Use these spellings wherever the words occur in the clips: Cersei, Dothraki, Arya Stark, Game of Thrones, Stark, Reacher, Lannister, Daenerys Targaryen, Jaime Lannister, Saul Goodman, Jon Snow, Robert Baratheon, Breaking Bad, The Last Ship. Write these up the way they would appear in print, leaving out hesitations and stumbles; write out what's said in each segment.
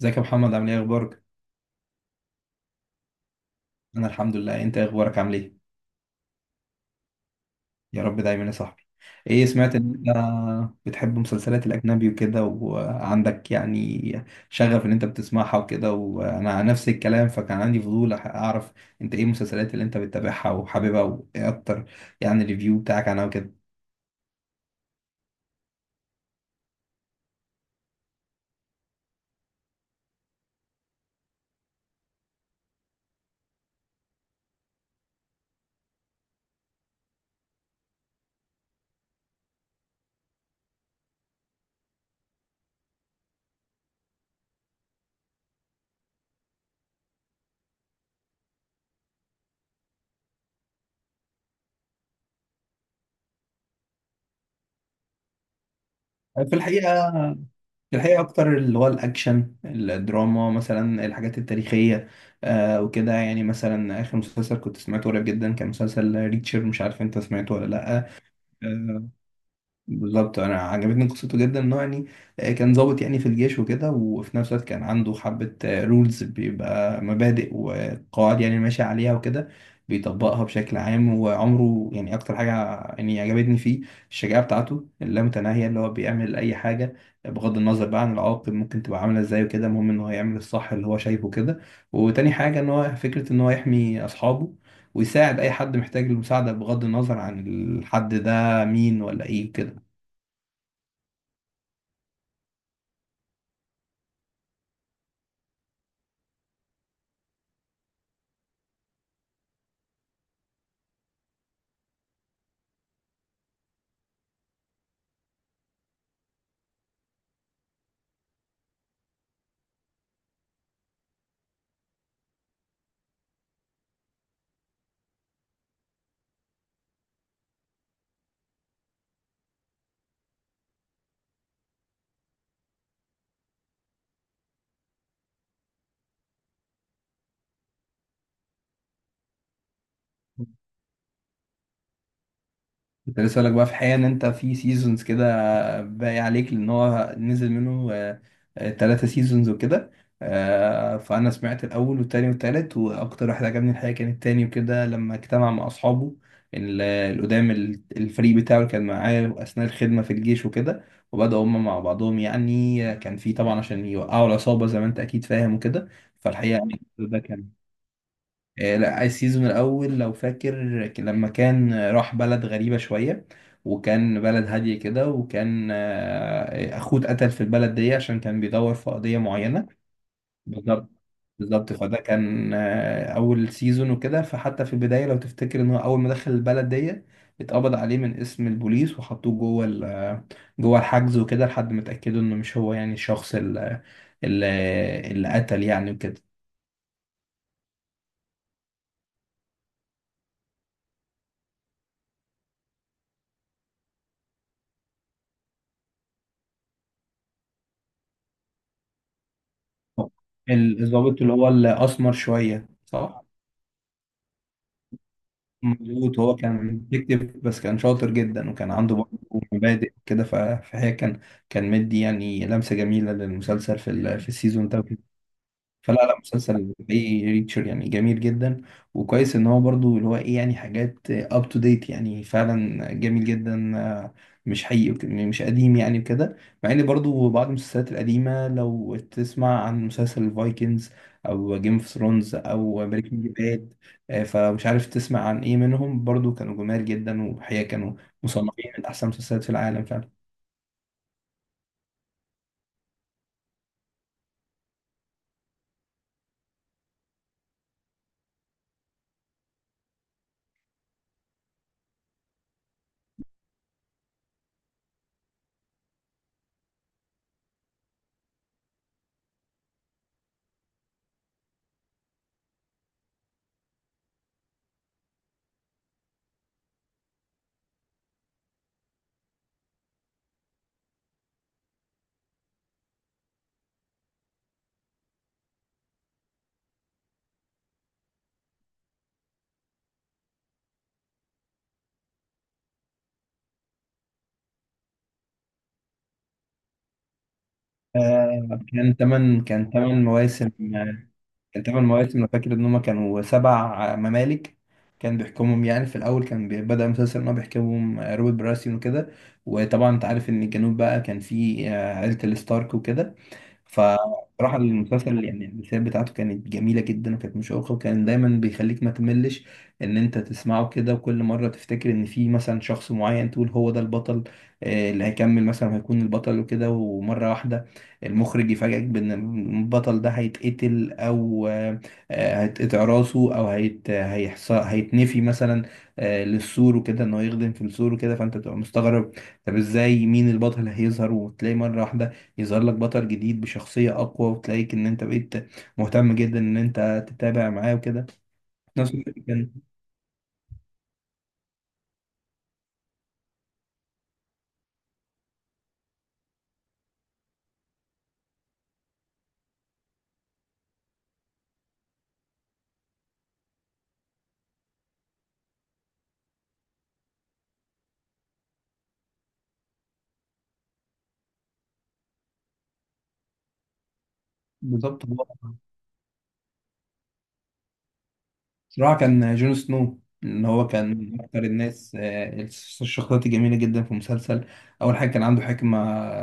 ازيك يا محمد، عامل ايه؟ اخبارك؟ انا الحمد لله. انت إيه اخبارك؟ عامل ايه؟ يا رب دايما يا صاحبي. ايه، سمعت ان انت بتحب مسلسلات الاجنبي وكده، وعندك يعني شغف ان انت بتسمعها وكده، وانا عن نفس الكلام، فكان عندي فضول اعرف انت ايه المسلسلات اللي انت بتتابعها وحاببها وايه اكتر، يعني الريفيو بتاعك عنها وكده. في الحقيقة، الحقيقة أكتر اللي هو الأكشن، الدراما، مثلا الحاجات التاريخية. آه وكده، يعني مثلا آخر مسلسل كنت سمعته قريب جدا كان مسلسل ريتشر، مش عارف أنت سمعته ولا لأ؟ بالظبط، انا عجبتني قصته جدا، انه يعني كان ضابط يعني في الجيش وكده، وفي نفس الوقت كان عنده حبة رولز، بيبقى مبادئ وقواعد يعني ماشي عليها وكده، بيطبقها بشكل عام. وعمره يعني اكتر حاجة يعني عجبتني فيه الشجاعة بتاعته اللامتناهية، اللي هو بيعمل اي حاجة بغض النظر بقى عن العواقب، ممكن تبقى عاملة ازاي وكده، المهم ان هو يعمل الصح اللي هو شايفه كده. وتاني حاجة ان هو فكرة ان هو يحمي اصحابه، ويساعد اي حد محتاج المساعدة بغض النظر عن الحد ده مين ولا ايه وكده. كنت لسه هقولك بقى في حقيقة ان انت في سيزونز كده باقي عليك، لان هو نزل منه 3 سيزونز وكده. فانا سمعت الاول والتاني والتالت، واكتر واحد عجبني الحقيقة كان التاني وكده، لما اجتمع مع اصحابه القدام الفريق بتاعه اللي كان معاه اثناء الخدمة في الجيش وكده، وبدأوا هما مع بعضهم، يعني كان في طبعا عشان يوقعوا العصابة زي ما انت اكيد فاهم وكده. فالحقيقة يعني ده كان لا، السيزون الأول لو فاكر، لما كان راح بلد غريبة شوية، وكان بلد هادية كده، وكان أخوه اتقتل في البلد دي عشان كان بيدور في قضية معينة. بالظبط. فده كان أول سيزون وكده، فحتى في البداية لو تفتكر إن هو أول ما دخل البلد دي اتقبض عليه من اسم البوليس وحطوه جوه جوه الحجز وكده، لحد ما اتأكدوا إنه مش هو يعني الشخص ال- اللي قتل يعني وكده. الضابط اللي هو الأسمر شوية، آه. صح؟ مظبوط، هو كان بيكتب بس كان شاطر جدا، وكان عنده برضه مبادئ كده. فهي كان مدي يعني لمسة جميلة للمسلسل في السيزون ده. فلا، لا، مسلسل حقيقي ريتشر يعني جميل جدا، وكويس ان هو برضو اللي هو ايه يعني حاجات اب تو ديت، يعني فعلا جميل جدا. مش حقيقي، مش قديم يعني وكده. مع ان برضو بعض المسلسلات القديمه، لو تسمع عن مسلسل الفايكنجز او جيم اوف ثرونز او بريكنج باد، فمش عارف تسمع عن ايه منهم، برضو كانوا جمال جدا، وحقيقة كانوا مصنفين من احسن المسلسلات في العالم فعلا. كان تمن مواسم. كان تمن مواسم، انا فاكر ان هما كانوا 7 ممالك. كان بيحكمهم يعني في الاول، كان بدأ المسلسل ان هو بيحكمهم روبرت براسيون وكده. وطبعا انت عارف ان الجنوب بقى كان فيه عيلة الستارك وكده. فراح المسلسل يعني الرسالة بتاعته كانت جميلة جدا وكانت مشوقة، وكان دايما بيخليك ما تملش ان انت تسمعه كده. وكل مرة تفتكر ان في مثلا شخص معين تقول هو ده البطل، اللي هيكمل مثلا هيكون البطل وكده، ومرة واحدة المخرج يفاجئك بان البطل ده هيتقتل، او هيتقطع راسه، او هيتنفي مثلا للسور وكده، انه يخدم في السور وكده. فانت تبقى مستغرب، طب ازاي، مين البطل هيظهر؟ وتلاقي مرة واحدة يظهر لك بطل جديد بشخصية أقوى، وتلاقيك إن أنت بقيت مهتم جدا إن أنت تتابع معاه وكده. في نفس الوقت كان. بالظبط. بصراحة كان جون سنو، إن هو كان من أكتر الناس الشخصيات الجميلة جدا في المسلسل. أول حاجة كان عنده حكمة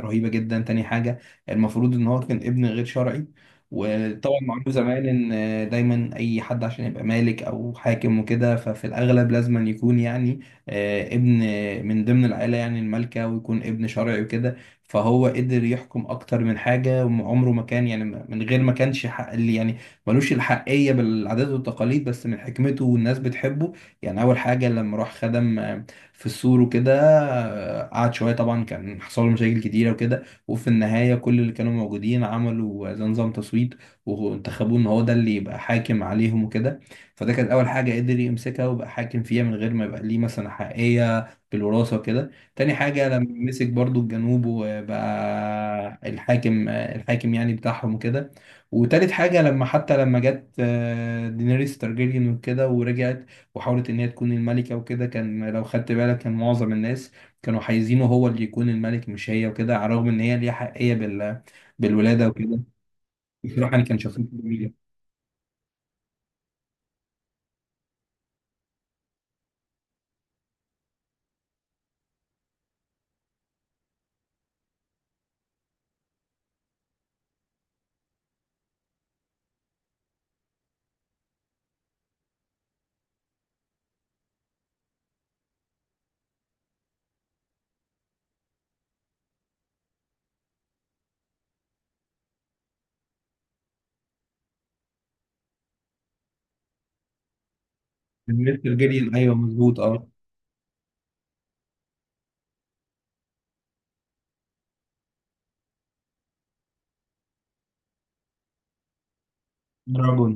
رهيبة جدا. تاني حاجة، المفروض إن هو كان ابن غير شرعي، وطبعا معروف زمان إن دايما أي حد عشان يبقى مالك أو حاكم وكده، ففي الأغلب لازم يكون يعني ابن من ضمن العائلة يعني المالكة، ويكون ابن شرعي وكده. فهو قدر يحكم أكتر من حاجة، وعمره ما كان يعني من غير ما كانش حق، اللي يعني ملوش الحقية بالعادات والتقاليد، بس من حكمته والناس بتحبه. يعني أول حاجة لما راح خدم في السور وكده، قعد شوية، طبعا كان حصل له مشاكل كتيرة وكده، وفي النهاية كل اللي كانوا موجودين عملوا زي نظام تصويت، وانتخبوه إن هو ده اللي يبقى حاكم عليهم وكده. فده كانت أول حاجة قدر يمسكها ويبقى حاكم فيها من غير ما يبقى ليه مثلا حقيقية بالوراثة وكده. تاني حاجة لما مسك برضو الجنوب، وبقى الحاكم يعني بتاعهم وكده. وتالت حاجة لما حتى لما جت دينيريس تارجيريان وكده، ورجعت وحاولت إن هي تكون الملكة وكده، كان لو خدت بالك كان معظم الناس كانوا عايزينه هو اللي يكون الملك مش هي وكده، على الرغم إن هي ليها حقية بالولادة وكده. بصراحة أنا كان شخصيته جميلة. دينيريس تارجيريان، أيوه مظبوط، أه. دراجون.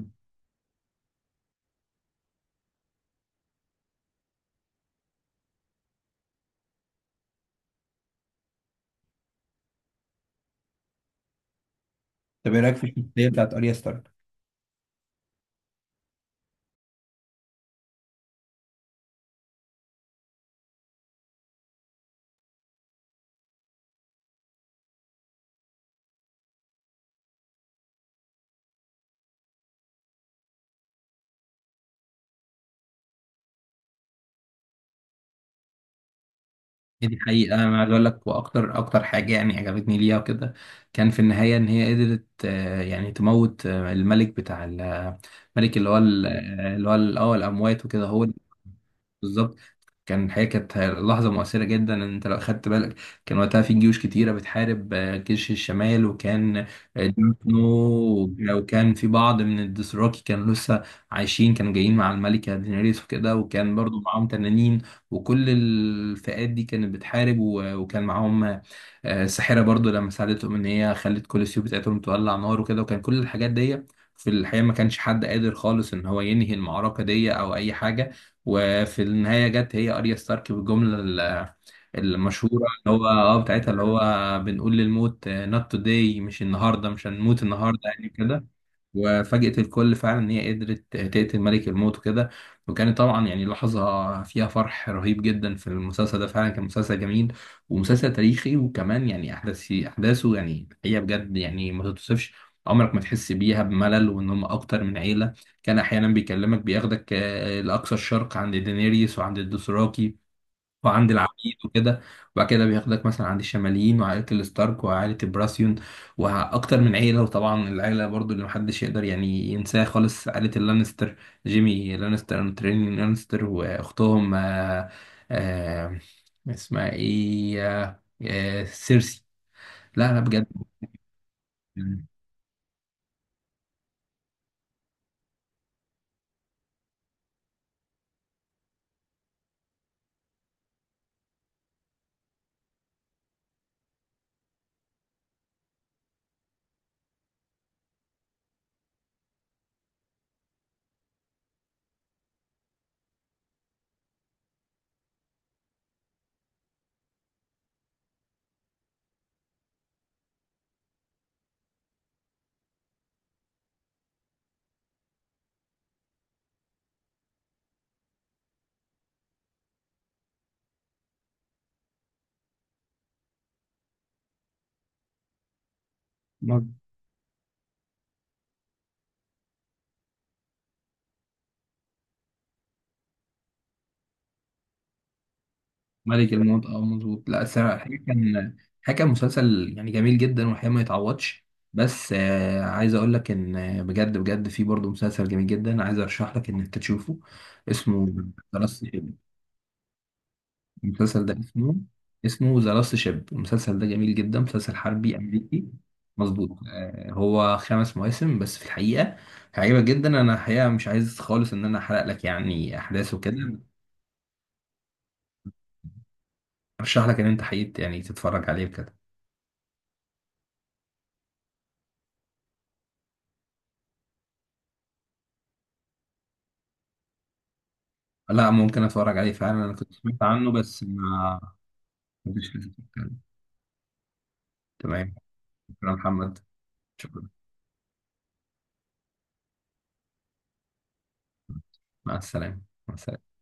طب إيه رأيك في الشخصية بتاعت أريا ستارك؟ دي حقيقة أنا عايز أقول لك، وأكتر حاجة يعني عجبتني ليها وكده، كان في النهاية إن هي قدرت يعني تموت الملك بتاع الملك، اللي هو ال- اللي هو ال- اه الأموات وكده. هو بالظبط. كان الحقيقة كانت لحظة مؤثرة جدا، إن انت لو خدت بالك كان وقتها في جيوش كتيرة بتحارب جيش الشمال، وكان آه، دينو، وكان في بعض من الدوثراكي كانوا لسه عايشين، كانوا جايين مع الملكة دينيريس وكده، وكان برضو معاهم تنانين، وكل الفئات دي كانت بتحارب، وكان معاهم الساحرة برضو، لما ساعدتهم إن هي خلت كل السيوف بتاعتهم تولع نار وكده. وكان كل الحاجات دي في الحقيقة ما كانش حد قادر خالص إن هو ينهي المعركة دي أو أي حاجة. وفي النهاية جت هي أريا ستارك بالجملة المشهورة اللي هو اه بتاعتها، اللي هو بنقول للموت not today، مش النهاردة، مش هنموت النهاردة يعني كده. وفاجأت الكل فعلا إن هي قدرت تقتل ملك الموت وكده، وكانت طبعا يعني لحظة فيها فرح رهيب جدا. في المسلسل ده فعلا كان مسلسل جميل، ومسلسل تاريخي، وكمان يعني أحداثه يعني هي بجد يعني ما تتوصفش. عمرك ما تحس بيها بملل، وإن هم أكتر من عيلة. كان احيانا بيكلمك بياخدك لاقصى الشرق عند دينيريس وعند الدوثراكي، وعند العبيد وكده. وبعد كده بياخدك مثلا عند الشماليين، وعائله الستارك وعائله البراسيون، واكتر من عيله. وطبعا العيله برضو اللي محدش يقدر يعني ينساها خالص، عائله اللانستر، جيمي لانستر وترين لانستر واختهم، آه، اسمها ايه، سيرسي. لا لا بجد. ملك الموت، اه، مظبوط. لا، الصراحه، الحقيقه كان مسلسل يعني جميل جدا، والحقيقه ما يتعوضش. بس آه عايز اقول لك ان بجد بجد في برضه مسلسل جميل جدا، عايز ارشح لك ان انت تشوفه. اسمه ذا لاست شيب. المسلسل ده اسمه ذا لاست شيب. المسلسل ده جميل جدا، مسلسل حربي امريكي. مظبوط آه، هو 5 مواسم بس في الحقيقه، هيعجبك جدا. انا الحقيقه مش عايز خالص ان انا احرق لك يعني احداثه كده. ارشح لك ان انت حقيقة يعني تتفرج عليه بجد. لا، ممكن اتفرج عليه فعلا، انا كنت سمعت عنه بس ما كنتش لسه اتكلم. تمام. شكرا محمد. شكرا. مع السلامة. مع السلامة.